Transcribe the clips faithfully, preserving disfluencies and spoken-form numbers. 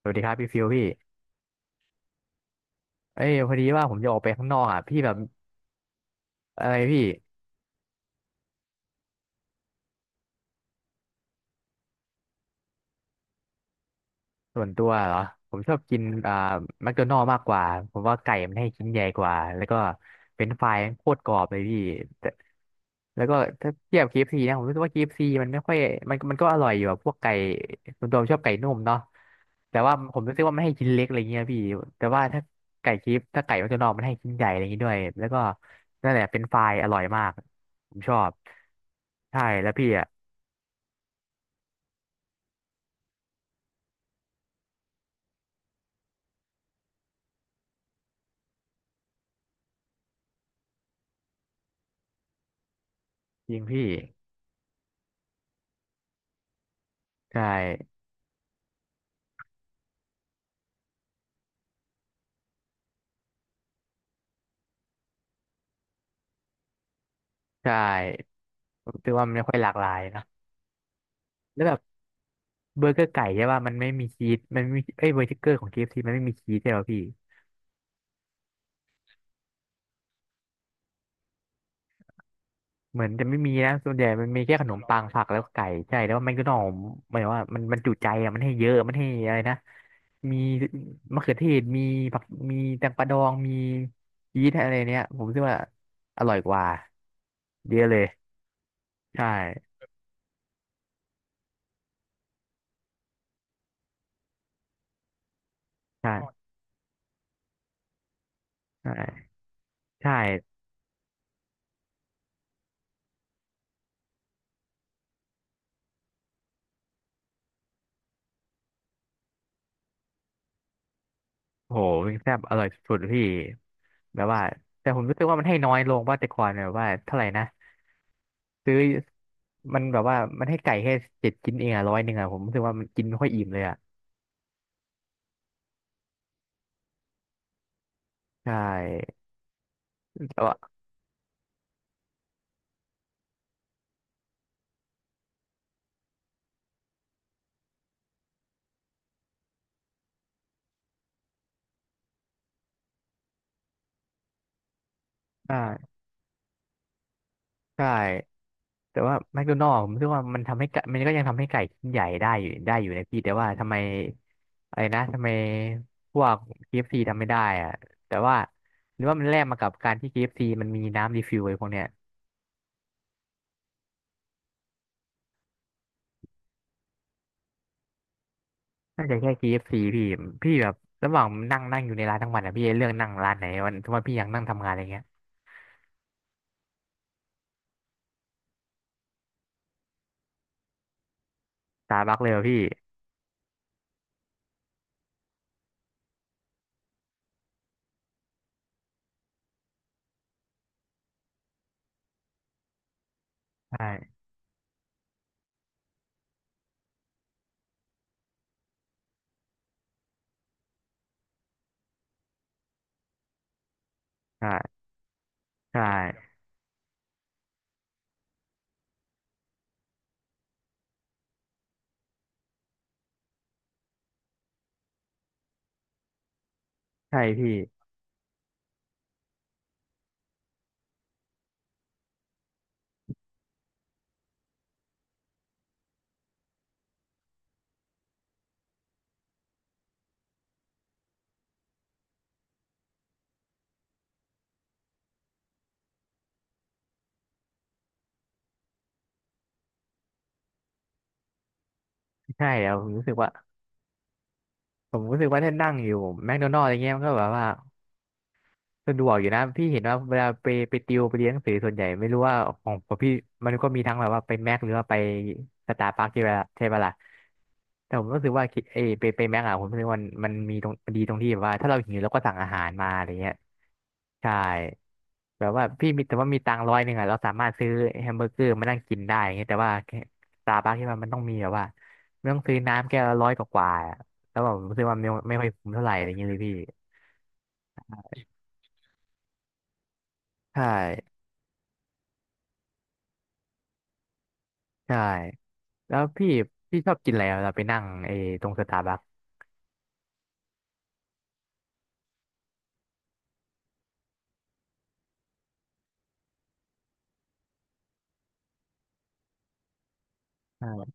สวัสดีครับพี่ฟิวพี่เอ้ยพอดีว่าผมจะออกไปข้างนอกอ่ะพี่แบบอะไรพี่ ส่วนตัวเหรอผมชอบกินอ่าแมคโดนัลด์มากกว่าผมว่าไก่มันให้ชิ้นใหญ่กว่าแล้วก็เป็นไฟรายมันโคตรกรอบเลยพี่แต่แล้วก็ถ้าเทียบ เค เอฟ ซี นะผมรู้สึกว่า k ซีมันไม่ค่อยมันมันก็อร่อยอยู่อะพวกไก่ส่วนตัวผมชอบไก่นุ่มเนาะแต่ว่าผมรู้สึกว่ามันให้ชิ้นเล็กอะไรเงี้ยพี่แต่ว่าถ้าไก่เคฟถ้าไก่แมคโดนัลด์มันให้ชิ้นใหญ่อะไรอย่างงี้ด้วยแล้วก็นั่นแหละเป็นไฟรายอร่อยมากผมชอบใช่แล้วพี่อะยิงพี่ใช่ใช่ผมคิดว่ามันไม่ค่อยหลากหลายนะ แล้วแบบเบอร์เกอร์ไก่ใช่ป่ะมันไม่มีชีสมันไม่มีเอ้ยเบอร์เกอร์ของ เค เอฟ ซี มันไม่มีชีสใช่ป่ะพี่เหมือนจะไม่มีนะส่วนใหญ่มันมีแค่ขนมปังผักแล้วก็ไก่ใช่แล้วมันก็หน่อมหมายว่ามันมันจุใจอ่ะมันให้เยอะมันให้อะไรนะมีมะเขือเทศมีผักมีแตงกวาดองมีชีสอะไรเนี้ยผมคิดว่าอร่อยกว่าเยอะเลยใช่ใช่ใช่ใช่โหวิงแซ่บอร่อยสุดๆพี่แบบว่าแต่ผมรู้สึกว่ามันให้น้อยลงว่าแต่ก่อนแบบว่าเท่าไหร่นะ ซื้อมันแบบว่า มันให้ไก่แค่เจ็ดชิ้นเองอะร้อยหนึ่งอะผมรู้สึกว่ามันกินไม่ค่อยอิ่มเลยอะใช่แต่ว่าอ่าใช่แต่ว่าแมคโดนัลด์ผมรู้สึกว่ามันทำให้ไก่มันก็ยังทำให้ไก่ชิ้นใหญ่ได้อยู่ได้อยู่นะพี่แต่ว่าทำไมอะไรนะทำไมพวกเคเอฟซีทำไม่ได้อะแต่ว่าหรือว่ามันแลกมากับการที่เคเอฟซ c มันมีน้ำรีฟิลไอ้พวกเนี้ยน่าจะแค่เคเอฟซีพี่พี่แบบระหว่างนั่งนั่งอยู่ในร้านทั้งวันอะพี่เลือกนั่งร้านไหนวันทุกวันพี่ยังนั่งทำงานอะไรเงี้ยสตาร์บักเลยอะพี่ใช่ใช่ ใช่ใช่พี่ใช่อะผมรู้สึกว่าผมรู้สึกว่าถ้านั่งอยู่แม d โดนัล d อะไรเงี้ยมันก็แบบว่า สะดวกอยู่นะพี่เห็นว่าเวลาไปไปติวไปเรียนหนังสือส่วนใหญ่ไม่รู้ว่าของของพี่มันก็มีทั้งแบบว่าไปแม็กหรือว่าไปสตาร์บัคใช่ปะใช่ปะล่ะแต่ผมรู้สึกว่าคิดเออไปไปแม็กอะผมรู้สึกว่ามันมันมีตรงมันดีตรงที่แบบว่าถ้าเราหิวเราก็สั่งอาหารมาอะไรเงี้ยใช่แบบว่าพี่มีแต่ว่ามีตังค์ร้อยหนึ่งอะเราสามารถซื้อแฮมเบอร์เกอร์มานั่งกินได้อย่างเงี้ยแต่ว่าสตาร์บัคที่มันมันต้องมีแบบว่าไม่ต้องซื้อน้ำแก้วละร้อยกว่าๆอะแล้วแบบผมรู้สึกว่าไม่ไม่ค่อยคุ้มเท่าไหร่อะไรเงี้ยเลยพี่ใช่ใช่ แล้วพี่พี่ชอบกินอะไรอะเราไปนั่งไอ้ตรงสตาร์บัคอ่า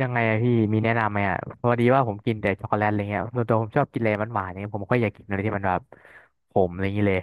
ยังไงอะพี่มีแนะนำไหมอ่ะพอดีว่าผมกินแต่ช็อกโกแลตอะไรเงี้ยส่วนตัวผมชอบกินอะไรหวานๆเนี่ยผมก็อยากกินอะไรที่มันแบบขมอะไรอย่างนี้เลย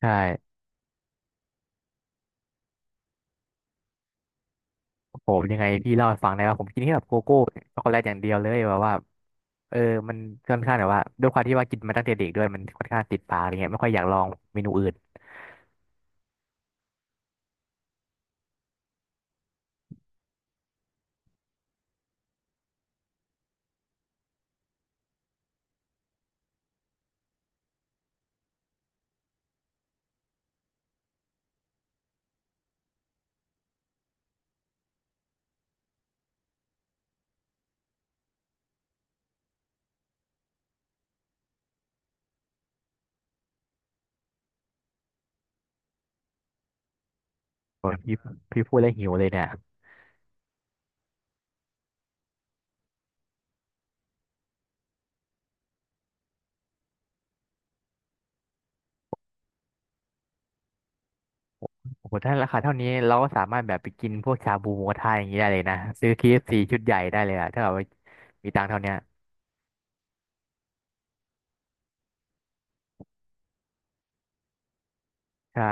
ใช่ผมยังไงพี่เล่าให้ฟังได้ว่าผมกินแค่แบบโกโก้ช็อกโกแลตอย่างเดียวเลยแบบว่าเออมันค่อนข้างแบบว่าด้วยความที่ว่ากินมาตั้งแต่เด็กด้วยมันค่อนข้างติดปากอะไรเงี้ยไม่ค่อยอยากลองเมนูอื่นโอ้ยพี่พี่พูดแล้วหิวเลยเนี่ย โอ้โหถ้าราคาเท่านี้เราก็สามารถแบบไปกินพวกชาบูหมูกระทะอย่างนี้ได้เลยนะซื้อ เค เอฟ ซี ชุดใหญ่ได้เลยอะถ้าแบบว่ามีตังค์เท่าเนี้ยใช่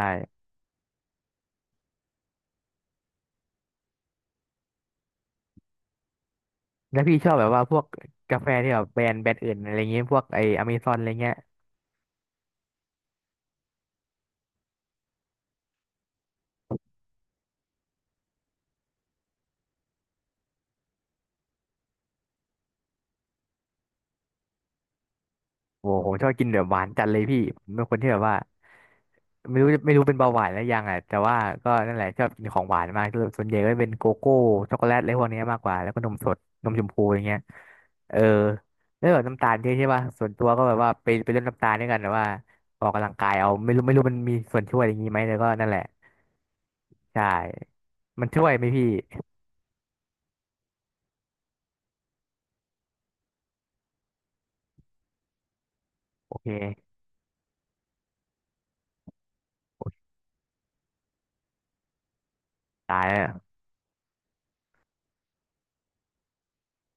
แล้วพี่ชอบแบบว่าพวกกาแฟที่แบบแบรนด์แบรนด์อื่นอะไรเงี้ยพวกไออเมซอนอะไรเงี้ย โอ้โหผมชอบกินแบบหวานจัดเลยพี่ผมเป็นคนที่แบบว่าไม่รู้ไม่รู้เป็นเบาหวานแล้วยังอ่ะแต่ว่าก็นั่นแหละชอบกินของหวานมากส่วนใหญ่ก็เป็นโกโก้ช็อกโกแลตอะไรพวกเนี้ยมากกว่าแล้วก็นมสดนมชมพูอย่างเงี้ยเออแล้วแบบน้ำตาลเยอะใช่ป่ะส่วนตัวก็แบบว่าไปไปลดน้ำตาลด้วยกันแต่ว่าออกกำลังกายเอาไม่รู้ไม่รู้มันมีส่วนช่วยอย่างงี้ไหมแต่ก็นั่นแหละใช่มันช่วยไหมพี่โอเคตายแล้ว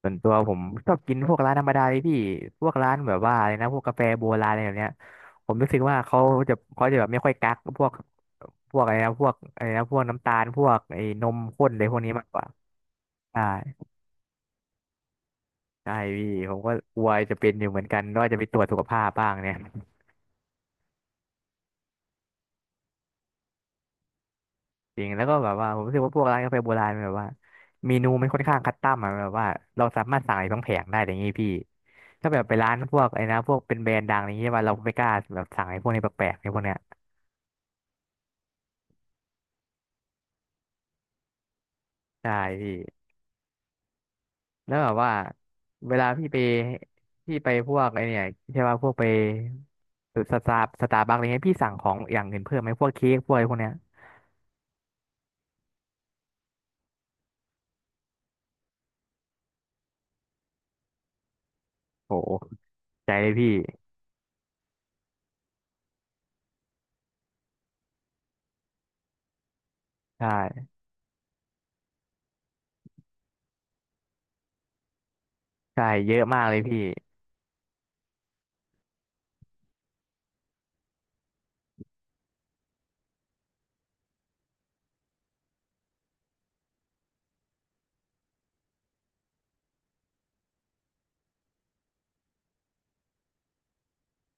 ส่วนตัวผมชอบกินพวกร้านธรรมดาเลยพี่พวกร้านแบบว่าอะไรนะพวกกาแฟโบราณอะไรแบบเนี้ยผมรู้สึกว่าเขาจะเขาจะแบบไม่ค่อยกักพวกพวกอะไรนะพวกอะไรนะพวกน้ำตาลพวกไอ้นมข้นอะไรพวกนี้มากกว่าใช่ใช่พี่ผมก็กลัวจะเป็นอยู่เหมือนกันว่าจะไปตรวจสุขภาพบ้างเนี่ยจริงแล้วก็แบบว่าผมรู้สึกว่าพวกร้านกาแฟโบราณมันแบบว่าเมนูมันค่อนข้างคัสตอมอะแบบว่าเราสามารถสั่งอะไรทั้งแผงได้อย่างนี้พี่ถ้าแบบไปร้านพวกไอ้นะพวกเป็นแบรนด์ดังอย่างนี้ว่าเราไม่กล้าแบบสั่งไอ้พวกนี้แปลกๆไอ้พวกเนี้ย ใช่พี่แล้วแบบว่าเวลาพี่ไปพี่ไปพวกไอเนี่ยใช่ว่าพวกไปสตาร์สตาร์บัคอะไรเงี้ยพี่สั่งของอย่างอื่นเพิ่มไหมพวกเค้กพวกอะไรพวกเนี้ยโหใจเลยพี่ใช่ใช่เยอะมากเลยพี่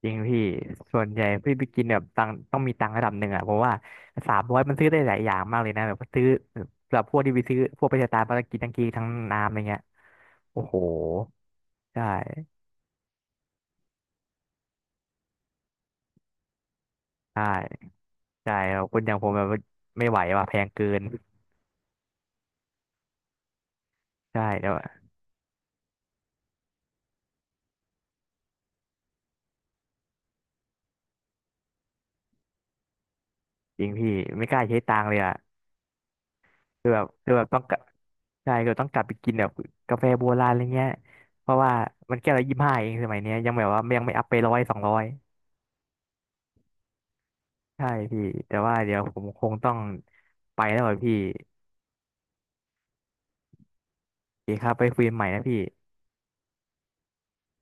จริงพี่ส่วนใหญ่พี่ไปกินแบบตังค์ต้องมีตังค์ระดับหนึ่งอ่ะเพราะว่าสามร้อยมันซื้อได้หลายอย่างมากเลยนะแบบซื้อแบบพวกที่ไปซื้อพวกไปสตาร์บัคกินทั้งเค้กทั้งน้ำอะไรเงี้ยโอ้โหใช่ใช่ใช่ครับคนอย่างผมแบบไม่ไหวว่ะแพงเกิน ใช่แล้วอะจริงพี่ไม่กล้าใช้ตังค์เลยอ่ะคือแบบคือแบบต้องกลับใช่คือต้องกลับไปกินแบบกาแฟโบราณอะไรเงี้ยเพราะว่ามันแก้วละยี่สิบห้าเองสมัยเนี้ยยังแบบว่ายังไม่อัพไปร้อยสองร้อยใช่พี่แต่ว่าเดี๋ยวผมคงต้องไปแล้วอะพี่โอเคครับไปคุยกันใหม่นะพี่